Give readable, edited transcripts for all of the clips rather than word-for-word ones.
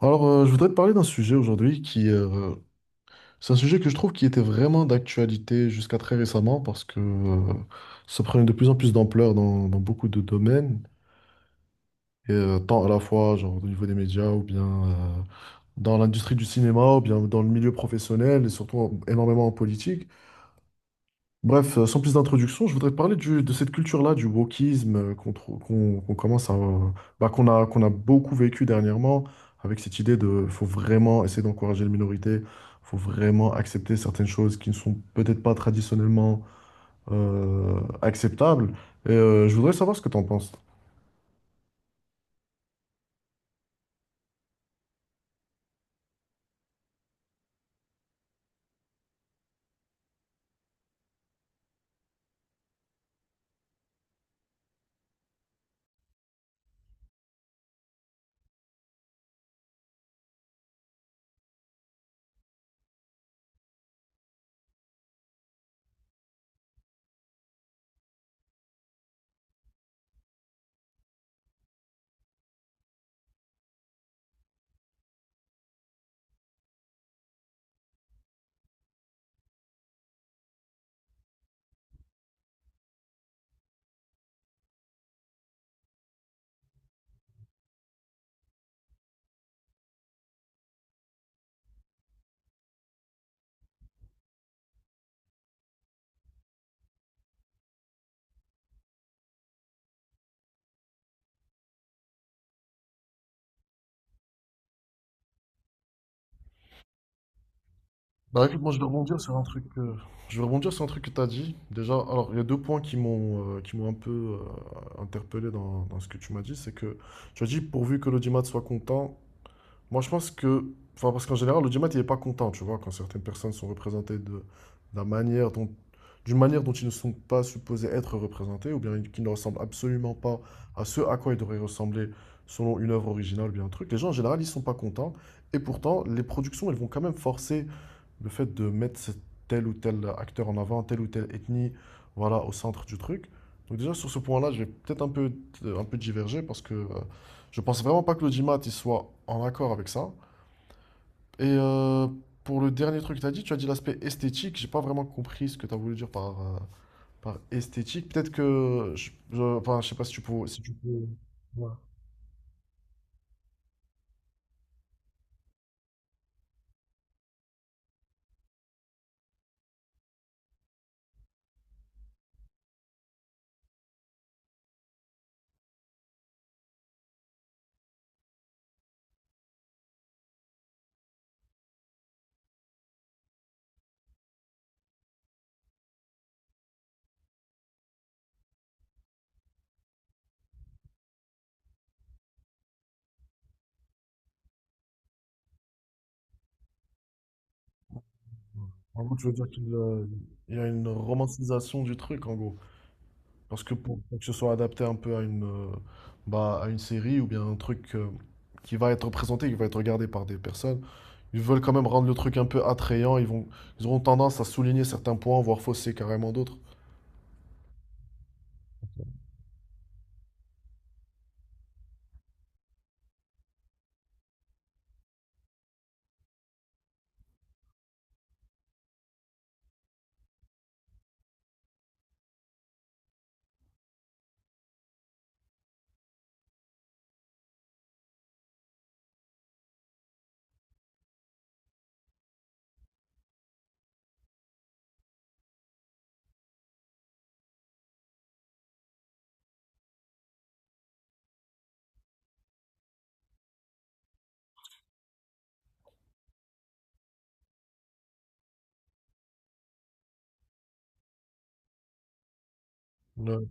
Je voudrais te parler d'un sujet aujourd'hui qui, c'est un sujet que je trouve qui était vraiment d'actualité jusqu'à très récemment parce que ça prenait de plus en plus d'ampleur dans beaucoup de domaines, et tant à la fois genre, au niveau des médias ou bien dans l'industrie du cinéma ou bien dans le milieu professionnel et surtout énormément en politique. Bref, sans plus d'introduction, je voudrais te parler de cette culture-là, du wokisme qu'on commence à, bah, qu'on a beaucoup vécu dernièrement, avec cette idée de faut vraiment essayer d'encourager les minorités, faut vraiment accepter certaines choses qui ne sont peut-être pas traditionnellement acceptables. Et je voudrais savoir ce que tu en penses. Bah écoute, moi je vais rebondir sur un truc, je vais rebondir sur un truc que tu as dit. Déjà, alors il y a deux points qui m'ont un peu interpellé dans ce que tu m'as dit, c'est que tu as dit pourvu que l'audimat soit content. Moi, enfin, parce qu'en général, le l'audimat, il n'est pas content, tu vois, quand certaines personnes sont représentées la manière dont, d'une manière dont ils ne sont pas supposés être représentés, ou bien qui ne ressemblent absolument pas à ce à quoi ils devraient ressembler selon une œuvre originale ou bien un truc. Les gens, en général, ils ne sont pas contents, et pourtant, les productions, elles vont quand même forcer le fait de mettre tel ou tel acteur en avant, telle ou telle ethnie, voilà, au centre du truc. Donc déjà, sur ce point-là, je vais peut-être un peu, un peu diverger parce que je pense vraiment pas que l'audimat il soit en accord avec ça. Et pour le dernier truc que tu as dit l'aspect esthétique. J'ai pas vraiment compris ce que tu as voulu dire par par esthétique. Peut-être que... enfin, je sais pas si tu peux... Si tu peux... Ouais. En gros, tu veux dire qu'il il y a une romantisation du truc, en gros. Parce que pour que ce soit adapté un peu à à une série ou bien un truc qui va être présenté, qui va être regardé par des personnes, ils veulent quand même rendre le truc un peu attrayant. Ils vont, ils auront tendance à souligner certains points, voire fausser carrément d'autres. Ouais.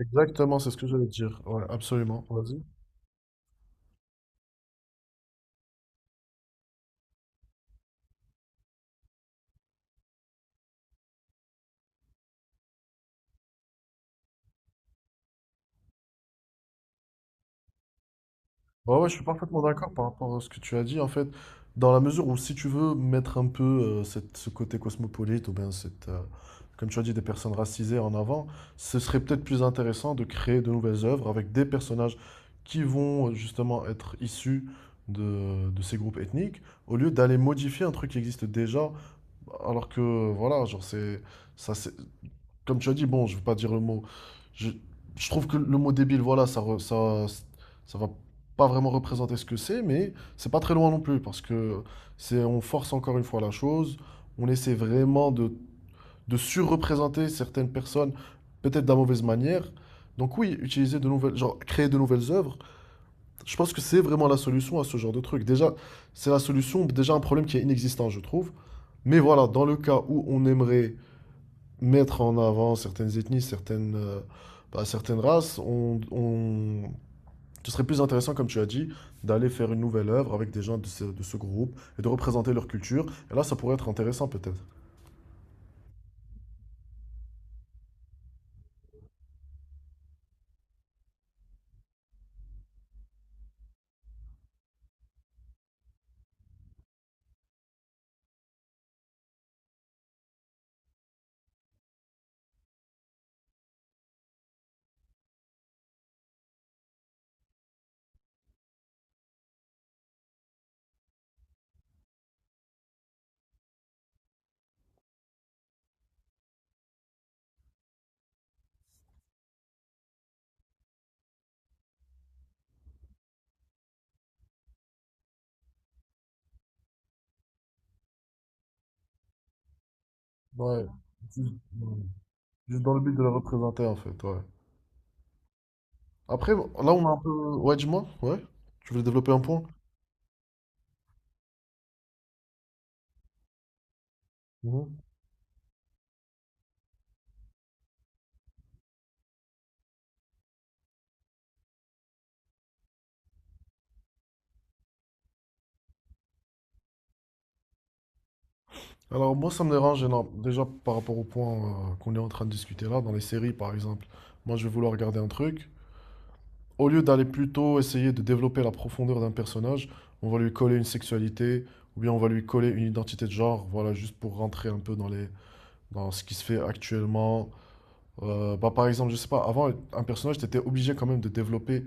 Exactement, c'est ce que j'allais dire. Ouais, absolument. Vas-y. Ouais, je suis parfaitement d'accord par rapport à ce que tu as dit. En fait, dans la mesure où si tu veux mettre un peu ce côté cosmopolite ou bien comme tu as dit, des personnes racisées en avant, ce serait peut-être plus intéressant de créer de nouvelles œuvres avec des personnages qui vont justement être issus de ces groupes ethniques, au lieu d'aller modifier un truc qui existe déjà, alors que voilà, genre c'est ça, comme tu as dit, bon, je ne veux pas dire le mot. Je, je trouve que le mot débile, voilà, ça, ça, ça va pas vraiment représenter ce que c'est, mais c'est pas très loin non plus parce que c'est, on force encore une fois la chose. On essaie vraiment de surreprésenter certaines personnes, peut-être de la mauvaise manière. Donc oui, utiliser de genre créer de nouvelles œuvres, je pense que c'est vraiment la solution à ce genre de truc. Déjà, c'est la solution, déjà un problème qui est inexistant, je trouve. Mais voilà, dans le cas où on aimerait mettre en avant certaines ethnies, certaines races, ce serait plus intéressant, comme tu as dit, d'aller faire une nouvelle œuvre avec des gens de de ce groupe et de représenter leur culture. Et là, ça pourrait être intéressant peut-être. Ouais, juste, ouais. Juste dans le but de la représenter en fait, ouais. Après, là, on a un peu... Ouais, dis-moi, ouais. Tu voulais développer un point? Mhm. Alors moi ça me dérange énorme. Déjà par rapport au point qu'on est en train de discuter là, dans les séries par exemple, moi je vais vouloir regarder un truc, au lieu d'aller plutôt essayer de développer la profondeur d'un personnage, on va lui coller une sexualité ou bien on va lui coller une identité de genre, voilà, juste pour rentrer un peu dans les, dans ce qui se fait actuellement. Par exemple, je sais pas, avant, un personnage, t'étais obligé quand même de développer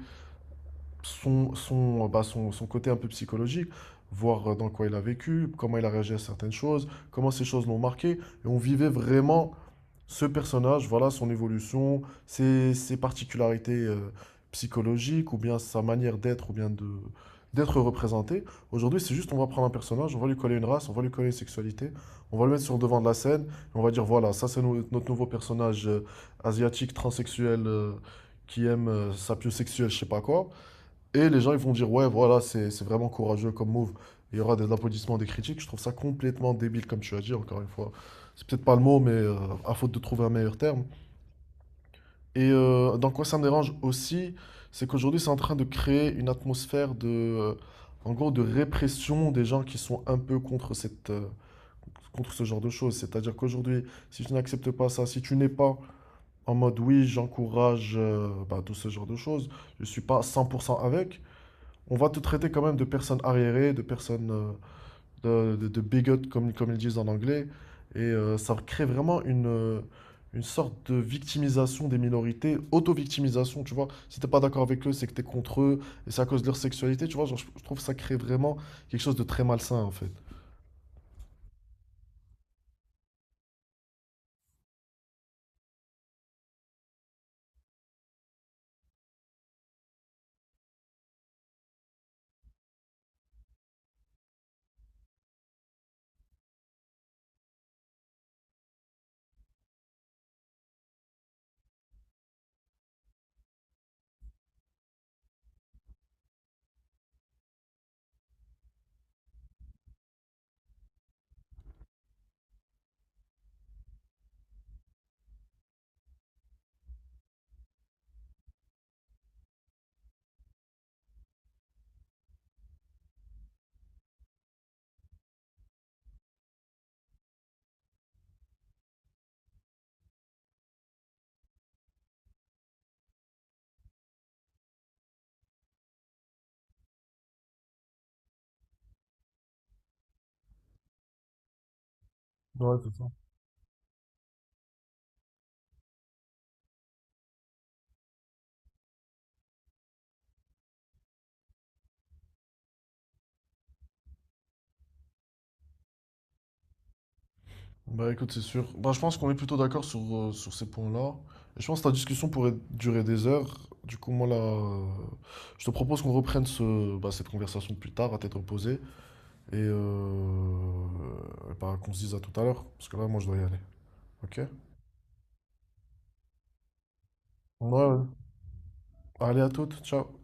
son côté un peu psychologique, voir dans quoi il a vécu, comment il a réagi à certaines choses, comment ces choses l'ont marqué, et on vivait vraiment ce personnage, voilà son évolution, ses particularités psychologiques, ou bien sa manière d'être, ou bien de d'être représenté. Aujourd'hui, c'est juste on va prendre un personnage, on va lui coller une race, on va lui coller une sexualité, on va le mettre sur le devant de la scène, et on va dire voilà, ça c'est notre nouveau personnage asiatique, transsexuel, qui aime sa piosexuelle, je sais pas quoi. Et les gens, ils vont dire, ouais, voilà, c'est vraiment courageux comme move. Il y aura des applaudissements, des critiques. Je trouve ça complètement débile, comme tu as dit, encore une fois. C'est peut-être pas le mot, mais à faute de trouver un meilleur terme. Et dans quoi ça me dérange aussi, c'est qu'aujourd'hui, c'est en train de créer une atmosphère de, en gros, de répression des gens qui sont un peu contre contre ce genre de choses. C'est-à-dire qu'aujourd'hui, si tu n'acceptes pas ça, si tu n'es pas en mode, oui, j'encourage bah, tout ce genre de choses, je suis pas 100% avec, on va te traiter quand même de personne arriérée, de personne de bigot, comme ils disent en anglais. Et ça crée vraiment une sorte de victimisation des minorités, auto-victimisation, tu vois. Si t'es pas d'accord avec eux, c'est que t'es contre eux, et c'est à cause de leur sexualité, tu vois. Genre, je trouve que ça crée vraiment quelque chose de très malsain, en fait. Ouais, c'est ça. Bah écoute, c'est sûr. Bah, je pense qu'on est plutôt d'accord sur, sur ces points-là. Et je pense que la discussion pourrait durer des heures. Du coup, moi là, je te propose qu'on reprenne cette conversation plus tard à tête reposée. Et bah, qu'on se dise à tout à l'heure, parce que là, moi, je dois y aller. Ok? Ouais, ouais. Allez, à toutes. Ciao.